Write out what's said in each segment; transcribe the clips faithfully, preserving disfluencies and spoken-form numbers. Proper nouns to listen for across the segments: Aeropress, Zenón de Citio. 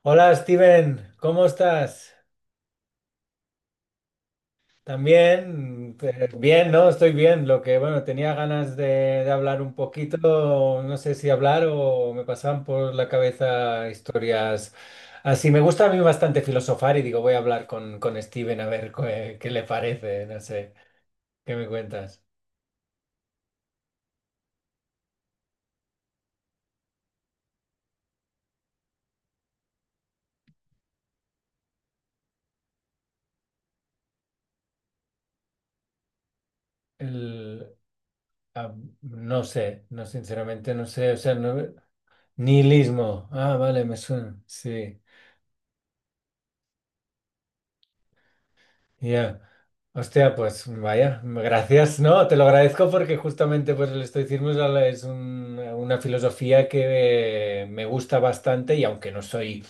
Hola Steven, ¿cómo estás? También. Eh, bien, ¿no? Estoy bien. Lo que, bueno, tenía ganas de, de hablar un poquito, no sé si hablar o me pasaban por la cabeza historias así. Me gusta a mí bastante filosofar y digo, voy a hablar con, con Steven a ver qué, qué le parece, no sé, ¿qué me cuentas? El, ah, no sé, no, sinceramente no sé, o sea, no- nihilismo. Ah, vale, me suena, sí. Ya. Hostia, pues vaya, gracias, ¿no? Te lo agradezco porque justamente pues el estoicismo es, la- es un- una filosofía que me gusta bastante y aunque no soy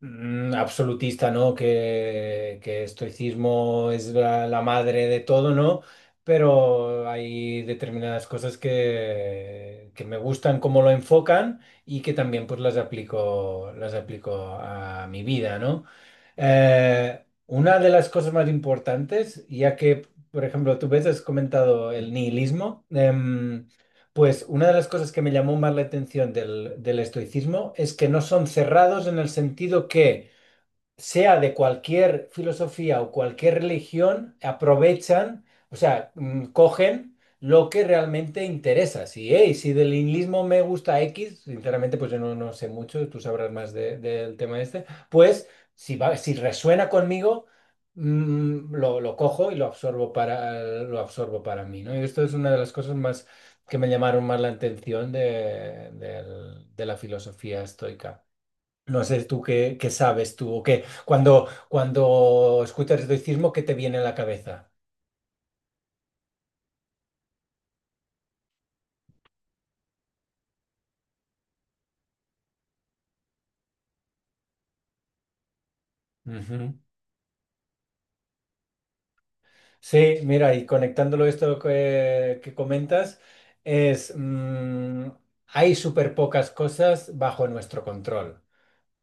mm, absolutista, ¿no? Que, que estoicismo es la, la madre de todo, ¿no? Pero hay determinadas cosas que, que me gustan cómo lo enfocan y que también pues las aplico, las aplico a mi vida, ¿no? Eh, una de las cosas más importantes, ya que, por ejemplo, tú ves, has comentado el nihilismo. Em, pues una de las cosas que me llamó más la atención del, del estoicismo es que no son cerrados en el sentido que sea de cualquier filosofía o cualquier religión, aprovechan, o sea, mm, cogen lo que realmente interesa. Si, "Hey, si del nihilismo me gusta X, sinceramente, pues yo no, no sé mucho, tú sabrás más de- del tema este, pues si, va- si resuena conmigo, mm, lo, lo cojo y lo absorbo para, lo absorbo para mí, ¿no? Y esto es una de las cosas más que me llamaron más la atención de, del- de la filosofía estoica. No sé tú qué, qué sabes tú o qué. Cuando, cuando escuchas estoicismo, ¿qué te viene a la cabeza? Ujú. Sí, mira, y conectándolo esto que, que comentas, es mm, hay súper pocas cosas bajo nuestro control.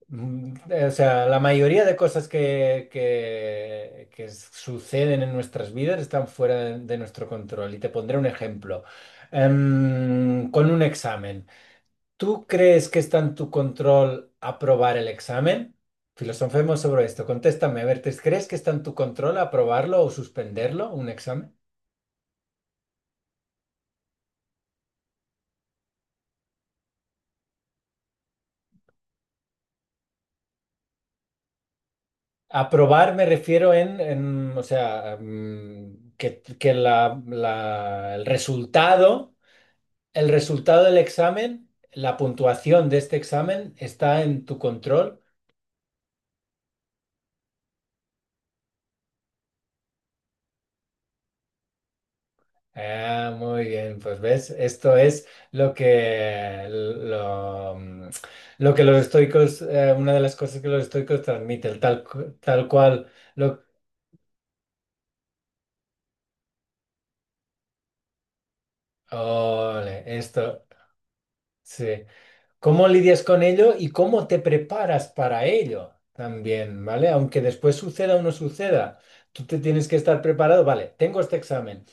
Mm, eh, O sea, la mayoría de cosas que, que, que suceden en nuestras vidas están fuera de, de nuestro control. Y te pondré un ejemplo. Em, con un examen. ¿Tú crees que está en tu control aprobar el examen? Filosofemos sobre esto. Contéstame, a ver, ¿te- ¿crees que está en tu control aprobarlo o suspenderlo, un examen? Aprobar me refiero en, en, o sea, mm, que, que la- la- el resultado, el resultado del examen, la puntuación de este examen está en tu control. Ah, muy bien, pues ves, esto es lo que lo, mm, lo que los estoicos, eh, una de las cosas que los estoicos transmiten, tal, cu- tal cual. Lo, ole, esto, sí. ¿Cómo lidias con ello y cómo te preparas para ello también, ¿vale? Aunque después suceda o no suceda, tú te tienes que estar preparado, vale, tengo este examen.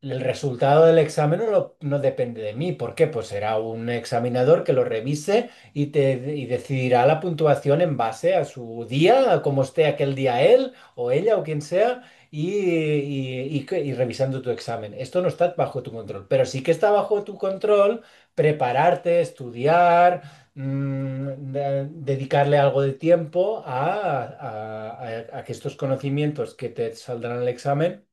El resultado del examen no, lo- no depende de mí. ¿Por qué? Pues será un examinador que lo revise y, te, y decidirá la puntuación en base a su día, a cómo esté aquel día él o ella o quien sea, y, y- y que- y revisando tu examen. Esto no está bajo tu control, pero sí que está bajo tu control prepararte, estudiar, mm, de- dedicarle algo de tiempo a a- a- a que estos conocimientos que te saldrán en el examen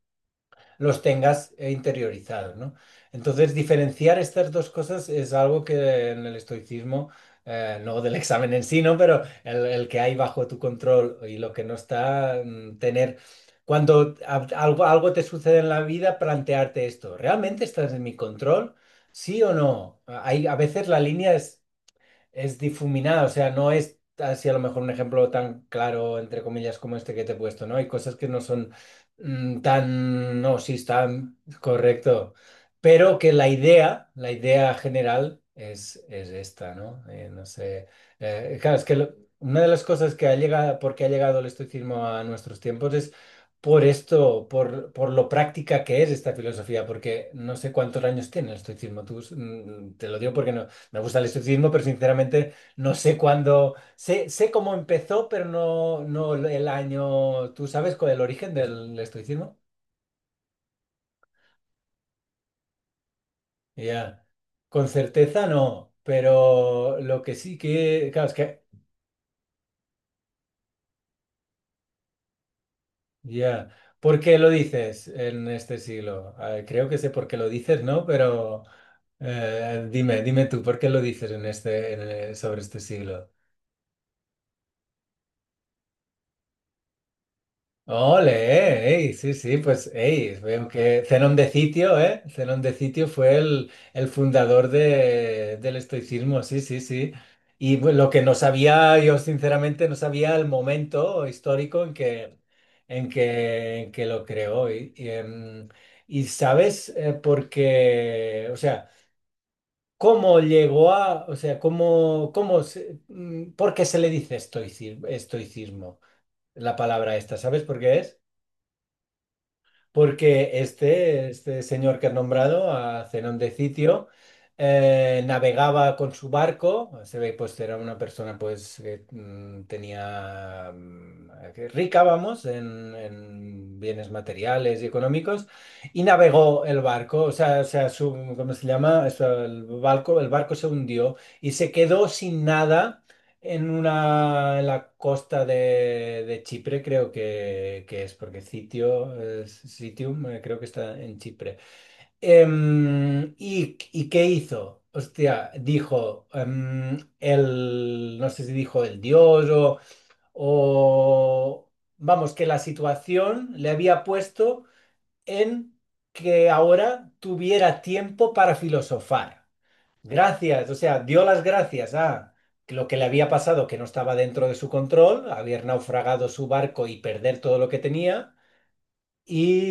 los tengas eh, interiorizados, ¿no? Entonces, diferenciar estas dos cosas es algo que en el estoicismo, eh, no del examen en sí, ¿no? Pero el, el que hay bajo tu control y lo que no está, mm, tener... Cuando a- algo, algo te sucede en la vida, plantearte esto, ¿realmente estás en mi control? ¿Sí o no? Hay, a veces la línea es es difuminada, o sea, no es así a lo mejor un ejemplo tan claro, entre comillas, como este que te he puesto, ¿no? Hay cosas que no son mm, tan, no, sí, están correcto, pero que la idea, la idea general es, es esta, ¿no? Eh, no sé, eh, claro, es que lo- una de las cosas que ha llegado, porque ha llegado el estoicismo a nuestros tiempos es... Por esto, por, por lo práctica que es esta filosofía, porque no sé cuántos años tiene el estoicismo, tú, mm, te lo digo porque no, me gusta el estoicismo, pero sinceramente no sé cuándo. Sé, sé cómo empezó, pero no, no el año. ¿Tú sabes cuál es el origen del estoicismo? Ya. Con certeza no, pero lo que sí que. Claro, es que. Ya. ¿Por qué lo dices en este siglo? Eh, creo que sé por qué lo dices, ¿no? Pero eh, dime, dime tú, ¿por qué lo dices en este, en, eh, sobre este siglo? Ole, ey, sí, sí, pues ey, veo que Zenón de Citio, ¿eh? Zenón de Citio fue el, el fundador de- del estoicismo, sí, sí, sí. Y bueno, lo que no sabía, yo sinceramente no sabía el momento histórico en que, en que, en que lo creó. Y, y, em, y sabes eh, por qué, o sea, cómo llegó a, o sea, cómo, cómo, se- mm, por qué se le dice estoici- estoicismo, la palabra esta, ¿sabes por qué es? Porque este, este señor que has nombrado, a Zenón de Citio, eh, navegaba con su barco, se ve pues era una persona pues que mm, tenía mm, que rica, vamos, en, en bienes materiales y económicos, y navegó el barco, o sea, o sea su, ¿cómo se llama? Eso, el barco, el barco se hundió y se quedó sin nada en una, en la costa de, de Chipre creo que, que es, porque Citio, eh, Citium eh, creo que está en Chipre. Em, ¿y, y qué hizo? Hostia, dijo em, el, no sé si dijo el dios o, o, vamos, que la situación le había puesto en que ahora tuviera tiempo para filosofar. Gracias, o sea, dio las gracias a lo que le había pasado, que no estaba dentro de su control, haber naufragado su barco y perder todo lo que tenía. Y,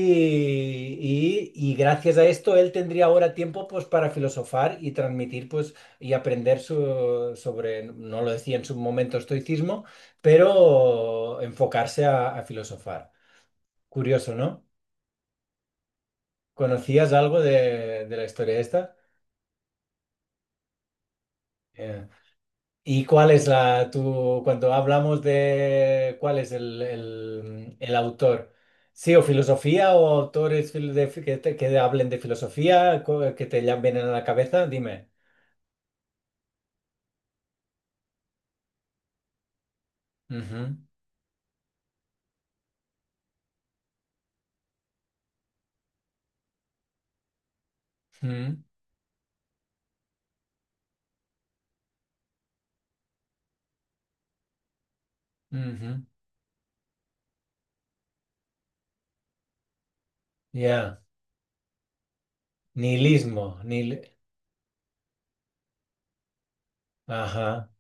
y- Y gracias a esto él tendría ahora tiempo pues para filosofar y transmitir pues y aprender su- sobre, no lo decía en su momento estoicismo, pero enfocarse a, a filosofar. Curioso, ¿no? ¿Conocías algo de, de la historia esta? Eh. ¿Y cuál es la, tu, cuando hablamos de cuál es el, el- el autor? Sí, o filosofía o autores fil- de fi- que, te- que hablen de filosofía co- que te llamen a la cabeza, dime. Ujú, mm, ujú, Ya. Nihilismo, nihil- ajá,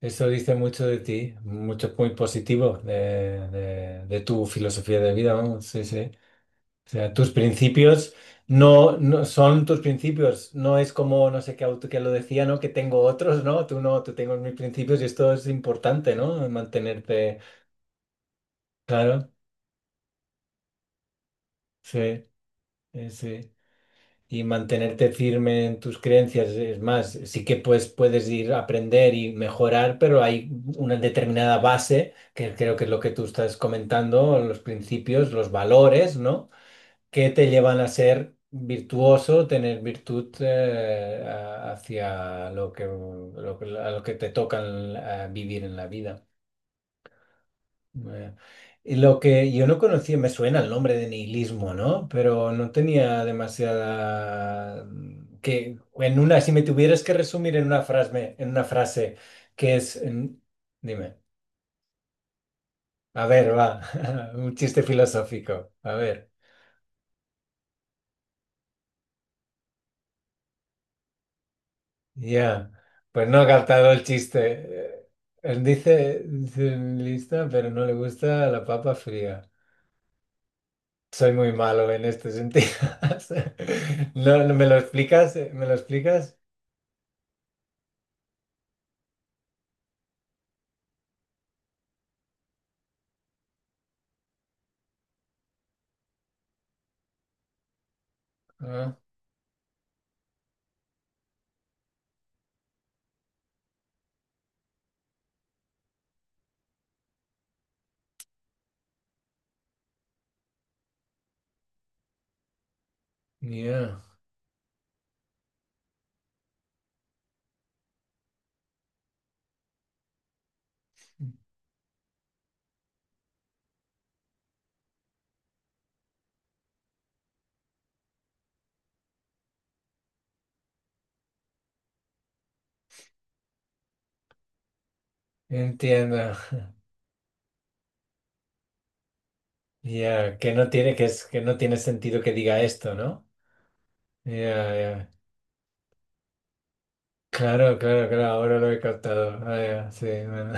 eso dice mucho de ti, mucho muy positivo de, de- de tu filosofía de vida, vamos, sí, sí. O sea, tus principios no, no son tus principios, no es como no sé qué auto que lo decía, ¿no? Que tengo otros, ¿no? Tú no, tú tengo mis principios y esto es importante, ¿no? Mantenerte, claro, sí, eh, sí. Y mantenerte firme en tus creencias, es más, sí que pues puedes ir a aprender y mejorar, pero hay una determinada base, que creo que es lo que tú estás comentando, los principios, los valores, ¿no? que te llevan a ser virtuoso, tener virtud eh, a- hacia lo que, lo que- a lo que te toca en vivir en la vida. Eh, y lo que yo no conocía, me suena el nombre de nihilismo, ¿no? Pero no tenía demasiada... mm, Que en una, si me tuvieras que resumir en una frase, en una frase que es... en- dime, a ver, va, un chiste filosófico, a ver. Ya. Pues no ha captado el chiste. Eh, Él dice, dice lista, pero no le gusta la papa fría. Soy muy malo en este sentido. O sea, no, no, ¿me lo explicas? ¿Me lo explicas? Ah, ya. Entiendo. Ya. Que no tiene, que es, que no tiene sentido que diga esto, ¿no? Ya, ya. Claro, claro, claro, ahora lo he captado. Ah, ya, sí, bueno.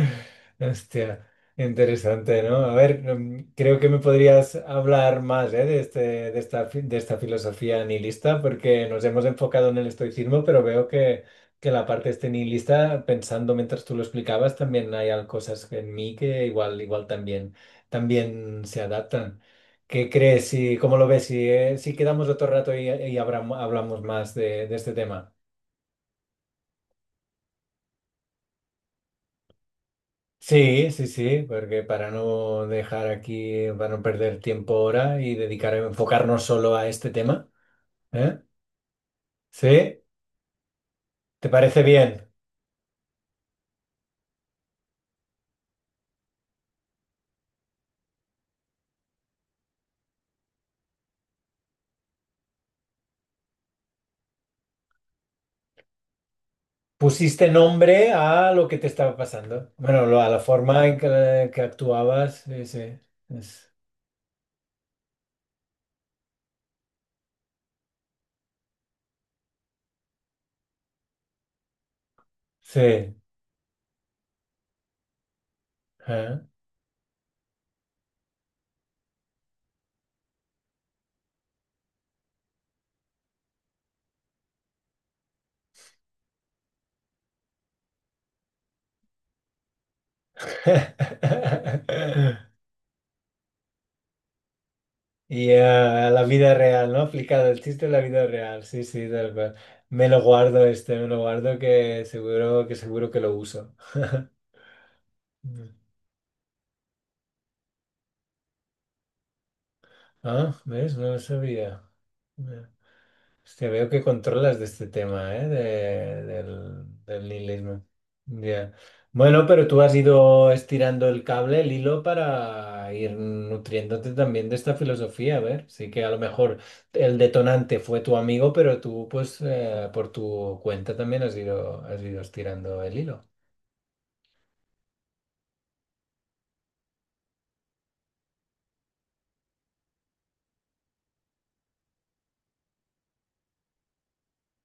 Hostia, interesante, ¿no? A ver, mm, creo que me podrías hablar más, ¿eh? De este, de esta, fi- de esta filosofía nihilista, porque nos hemos enfocado en el estoicismo, pero veo que, que la parte este nihilista, pensando mientras tú lo explicabas, también hay al- cosas en mí que igual, igual también, también se adaptan. ¿Qué crees? Y ¿Cómo lo ves? Si, eh, si quedamos otro rato y, y habrá- hablamos más de de este tema. Sí, sí, sí, porque para no dejar aquí, para no perder tiempo ahora y dedicar, enfocarnos solo a este tema, ¿eh? ¿Sí? ¿Te parece bien? Pusiste nombre a lo que te estaba pasando. Bueno, lo- a la forma en que, que actuabas, sí, sí. es- sí. ¿eh? Y a la vida real, ¿no? Aplicado el chiste a la vida real, sí, sí, tal cual. Me lo guardo este, me lo guardo que seguro que seguro que lo uso. Ah, ¿ves? No lo sabía. Mira. Hostia, veo que controlas de este tema, ¿eh? De- del, del nihilismo. Ya. Bueno, pero tú has ido estirando el cable, el hilo, para ir nutriéndote también de esta filosofía. A ver, sí que a lo mejor el detonante fue tu amigo, pero tú, pues, eh, por tu cuenta también has ido, has ido estirando el hilo.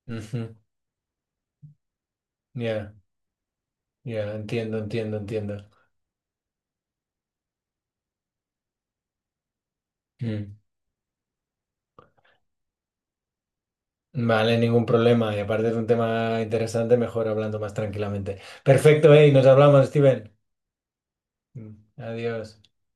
Ujú. Ya, ya, entiendo, entiendo, entiendo. Mm. Vale, ningún problema. Y aparte es un tema interesante, mejor hablando más tranquilamente. Perfecto, eh, y nos hablamos, Steven. Mm, adiós.